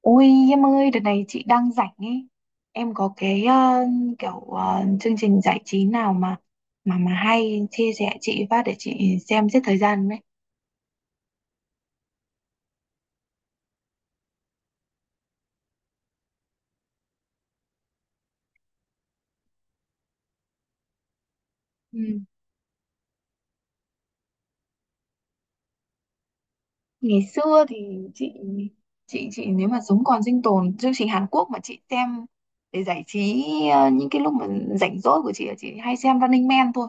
Ôi, em ơi, đợt này chị đang rảnh ấy. Em có cái kiểu chương trình giải trí nào mà hay chia sẻ chị phát để chị xem giết thời gian đấy. Ừ. Ngày xưa thì chị chị nếu mà sống còn sinh tồn chương trình Hàn Quốc mà chị xem để giải trí những cái lúc mà rảnh rỗi của chị là chị hay xem Running Man thôi.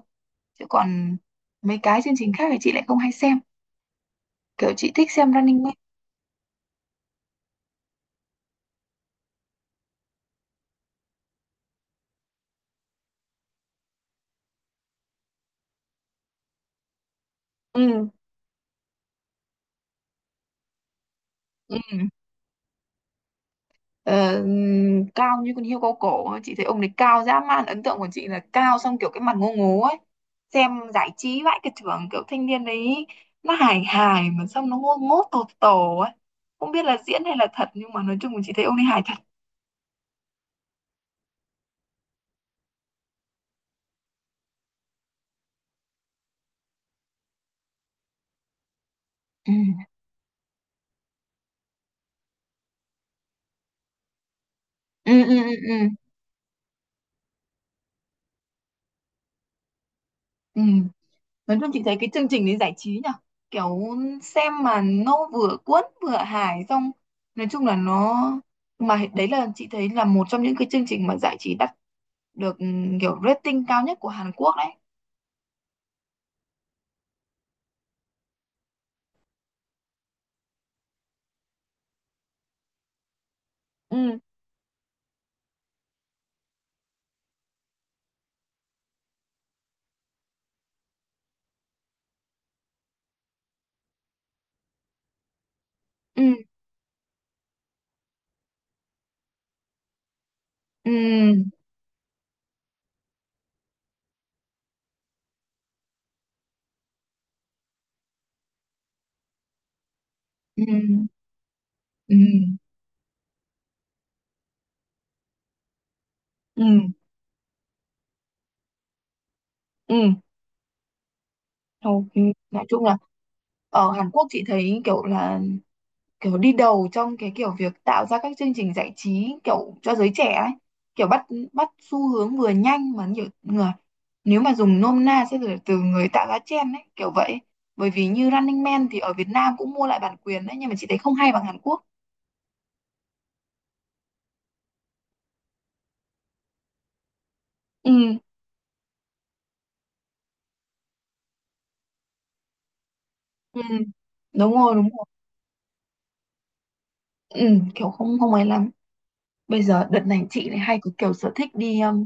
Chứ còn mấy cái chương trình khác thì chị lại không hay xem. Kiểu chị thích xem Running Man. Ừ. Ừ. Ờ, Cao như con hươu cao cổ ấy. Chị thấy ông đấy cao dã man, ấn tượng của chị là cao, xong kiểu cái mặt ngô ngố ấy, xem giải trí vãi cả trưởng, kiểu thanh niên đấy nó hài hài mà xong nó ngô ngố tột tổ ấy, không biết là diễn hay là thật nhưng mà nói chung là chị thấy ông ấy hài thật. Ừ, ừ, ừ, ừ, ừ, ừ. Nói chung chị thấy cái chương trình đấy giải trí nhở, kiểu xem mà nó vừa cuốn vừa hài xong, nói chung là nó, mà đấy là chị thấy là một trong những cái chương trình mà giải trí đắt được, ừ, kiểu rating cao nhất của Hàn Quốc đấy. Ừ, ừ, ừ, ừ, ừ, ừ, ừ. Thôi, ừ. Nói chung là ở Hàn Quốc chị thấy kiểu là kiểu đi đầu trong cái kiểu việc tạo ra các chương trình giải trí kiểu cho giới trẻ ấy, kiểu bắt bắt xu hướng vừa nhanh mà nhiều người, nếu mà dùng nôm na sẽ là từ người tạo ra trend ấy kiểu vậy. Bởi vì như Running Man thì ở Việt Nam cũng mua lại bản quyền đấy nhưng mà chị thấy không hay bằng Hàn Quốc. Ừ, ừ, đúng rồi, đúng. Ừ, kiểu không không ấy lắm. Bây giờ đợt này chị lại hay có kiểu sở thích đi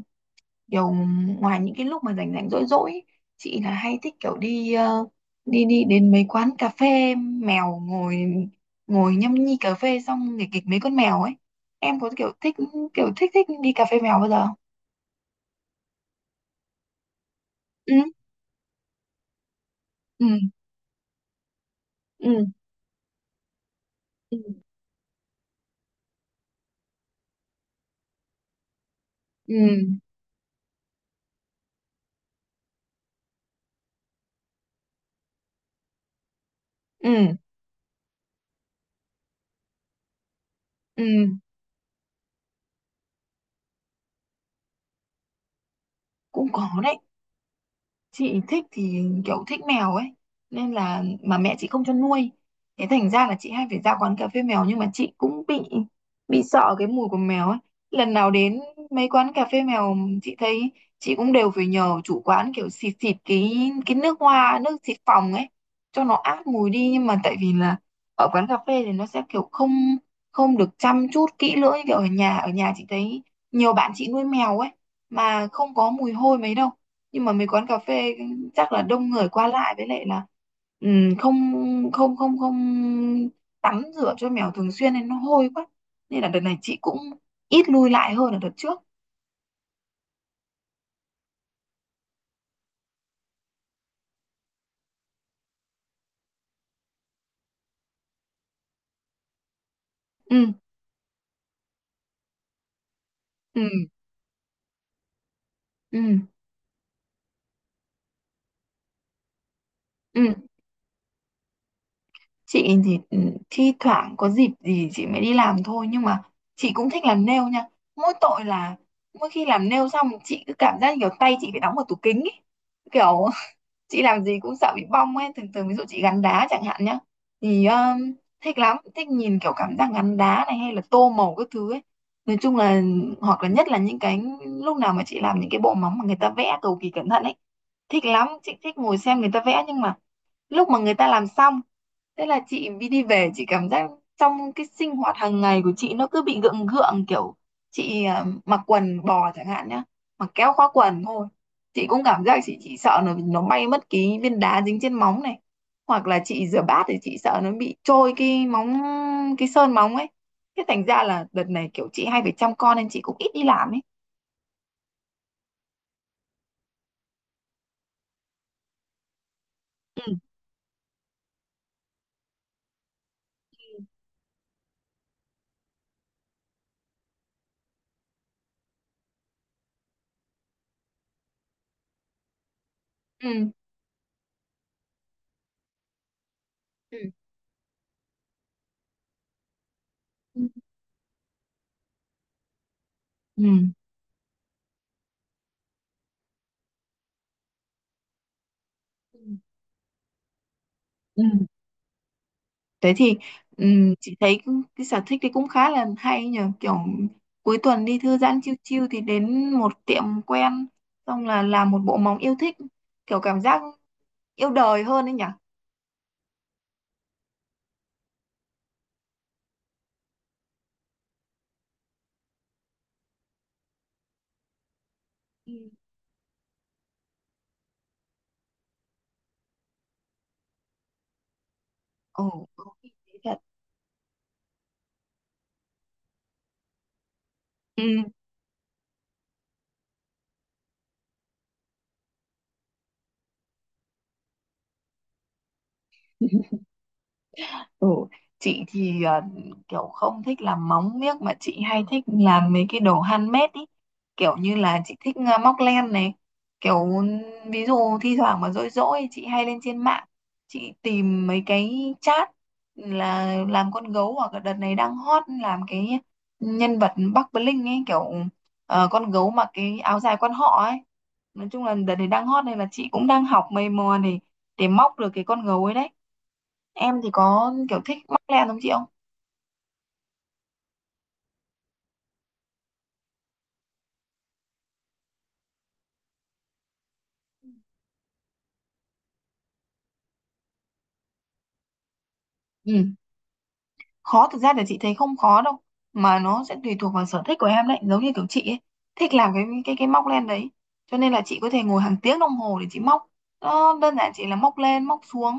kiểu ngoài những cái lúc mà rảnh rảnh rỗi rỗi ấy, chị là hay thích kiểu đi đi đi đến mấy quán cà phê mèo, ngồi ngồi nhâm nhi cà phê xong nghịch kịch mấy con mèo ấy. Em có kiểu thích thích đi cà phê mèo bao giờ không? Ừ, ừ, ừ, ừ, ừ, ừ, ừ. Cũng có đấy. Chị thích thì kiểu thích mèo ấy nên là mà mẹ chị không cho nuôi, thế thành ra là chị hay phải ra quán cà phê mèo nhưng mà chị cũng bị sợ cái mùi của mèo ấy. Lần nào đến mấy quán cà phê mèo chị thấy chị cũng đều phải nhờ chủ quán kiểu xịt xịt cái nước hoa nước xịt phòng ấy cho nó át mùi đi, nhưng mà tại vì là ở quán cà phê thì nó sẽ kiểu không không được chăm chút kỹ lưỡng như kiểu ở nhà. Chị thấy nhiều bạn chị nuôi mèo ấy mà không có mùi hôi mấy đâu, nhưng mà mấy quán cà phê chắc là đông người qua lại, với lại là không không không không tắm rửa cho mèo thường xuyên nên nó hôi quá. Nên là đợt này chị cũng ít lui lại hơn là đợt trước. ừ, ừ, ừ, ừ. Chị thì thi thoảng có dịp gì chị mới đi làm thôi nhưng mà chị cũng thích làm nail nha. Mỗi tội là mỗi khi làm nail xong chị cứ cảm giác kiểu tay chị phải đóng vào tủ kính ấy, kiểu chị làm gì cũng sợ bị bong ấy, thường thường ví dụ chị gắn đá chẳng hạn nhá, thì thích lắm, thích nhìn kiểu cảm giác gắn đá này hay là tô màu các thứ ấy. Nói chung là hoặc là nhất là những cái lúc nào mà chị làm những cái bộ móng mà người ta vẽ cầu kỳ cẩn thận ấy, thích lắm, chị thích ngồi xem người ta vẽ nhưng mà lúc mà người ta làm xong, thế là chị đi đi về, chị cảm giác trong cái sinh hoạt hàng ngày của chị nó cứ bị gượng gượng, kiểu chị mặc quần bò chẳng hạn nhá, mặc kéo khóa quần thôi chị cũng cảm giác chị chỉ sợ nó bay mất cái viên đá dính trên móng này, hoặc là chị rửa bát thì chị sợ nó bị trôi cái móng, cái sơn móng ấy. Thế thành ra là đợt này kiểu chị hay phải chăm con nên chị cũng ít đi làm ấy. Ừ, ừ, ừ, ừ, ừ, ừ. Thế thì ừ, chị thấy cái sở thích thì cũng khá là hay nhờ, kiểu cuối tuần đi thư giãn chiêu chiêu thì đến một tiệm quen, xong là làm một bộ móng yêu thích, kiểu cảm giác yêu đời hơn ấy nhỉ. Ồ, có khi thế thật. Ừ. Ừ, chị thì kiểu không thích làm móng miếc mà chị hay thích làm mấy cái đồ handmade ý. Kiểu như là chị thích móc len này. Kiểu ví dụ thi thoảng mà rỗi rỗi chị hay lên trên mạng, chị tìm mấy cái chat là làm con gấu, hoặc là đợt này đang hot làm cái nhân vật Bắc Bling ấy, kiểu con gấu mặc cái áo dài quan họ ấy. Nói chung là đợt này đang hot nên là chị cũng đang học mày mò để móc được cái con gấu ấy đấy. Em thì có kiểu thích mắc len không chị không? Ừ. Khó thực ra là chị thấy không khó đâu mà nó sẽ tùy thuộc vào sở thích của em đấy, giống như kiểu chị ấy thích làm cái móc len đấy cho nên là chị có thể ngồi hàng tiếng đồng hồ để chị móc, nó đơn giản chỉ là móc lên móc xuống.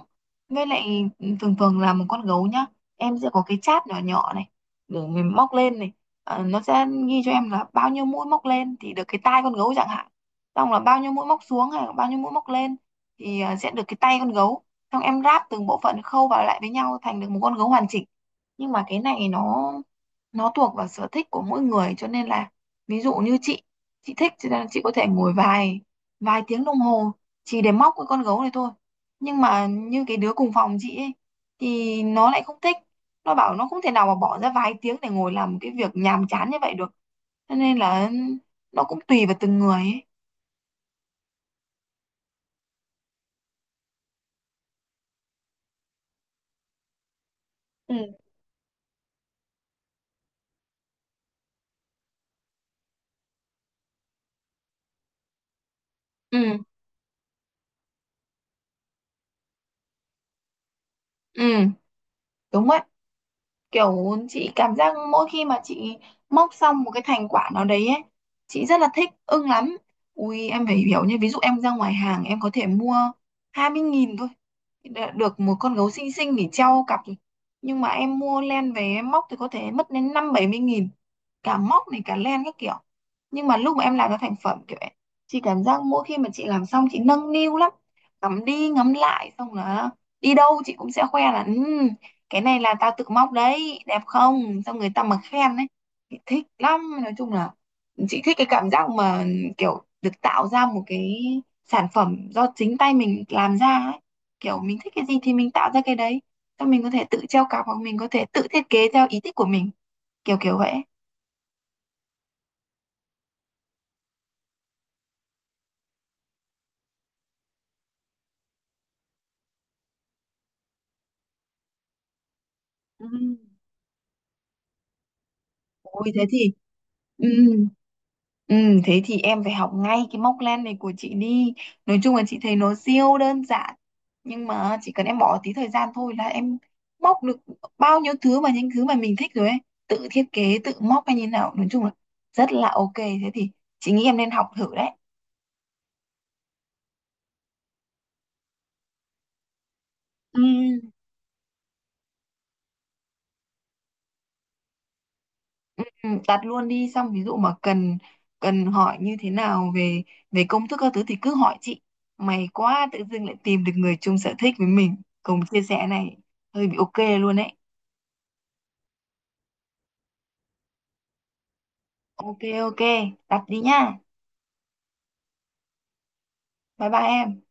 Với lại thường thường là một con gấu nhá, em sẽ có cái chát nhỏ nhỏ này để mình móc lên này. Nó sẽ ghi cho em là bao nhiêu mũi móc lên thì được cái tai con gấu chẳng hạn, xong là bao nhiêu mũi móc xuống hay là bao nhiêu mũi móc lên thì sẽ được cái tay con gấu, xong em ráp từng bộ phận khâu vào lại với nhau thành được một con gấu hoàn chỉnh. Nhưng mà cái này nó thuộc vào sở thích của mỗi người cho nên là ví dụ như chị thích cho nên chị có thể ngồi vài vài tiếng đồng hồ chỉ để móc cái con gấu này thôi. Nhưng mà như cái đứa cùng phòng chị ấy thì nó lại không thích, nó bảo nó không thể nào mà bỏ ra vài tiếng để ngồi làm cái việc nhàm chán như vậy được, cho nên là nó cũng tùy vào từng người ấy. Ừ. Ừ, ừ, đúng vậy. Kiểu chị cảm giác mỗi khi mà chị móc xong một cái thành quả nào đấy ấy, chị rất là thích, ưng lắm. Ui em phải hiểu nha, ví dụ em ra ngoài hàng em có thể mua 20.000 thôi đã được một con gấu xinh xinh để treo cặp rồi, nhưng mà em mua len về em móc thì có thể mất đến 50-70 nghìn, cả móc này cả len các kiểu. Nhưng mà lúc mà em làm ra thành phẩm kiểu ấy, chị cảm giác mỗi khi mà chị làm xong chị nâng niu lắm, ngắm đi ngắm lại, xong là đi đâu chị cũng sẽ khoe là ừ cái này là tao tự móc đấy đẹp không, xong người ta mà khen ấy thì thích lắm. Nói chung là chị thích cái cảm giác mà kiểu được tạo ra một cái sản phẩm do chính tay mình làm ra ấy, kiểu mình thích cái gì thì mình tạo ra cái đấy, xong mình có thể tự treo cặp hoặc mình có thể tự thiết kế theo ý thích của mình, kiểu kiểu vậy. Ừ. Ôi ừ, Ừ, thế thì em phải học ngay cái móc len này của chị đi. Nói chung là chị thấy nó siêu đơn giản. Nhưng mà chỉ cần em bỏ tí thời gian thôi là em móc được bao nhiêu thứ mà những thứ mà mình thích rồi ấy. Tự thiết kế, tự móc hay như nào. Nói chung là rất là ok. Thế thì chị nghĩ em nên học thử đấy. Ừ. Ừ, đặt luôn đi. Xong ví dụ mà cần cần hỏi như thế nào về về công thức các thứ thì cứ hỏi chị. May quá tự dưng lại tìm được người chung sở thích với mình, cùng chia sẻ này, hơi bị ok luôn đấy. Ok, ok. Đặt đi nha. Bye bye em.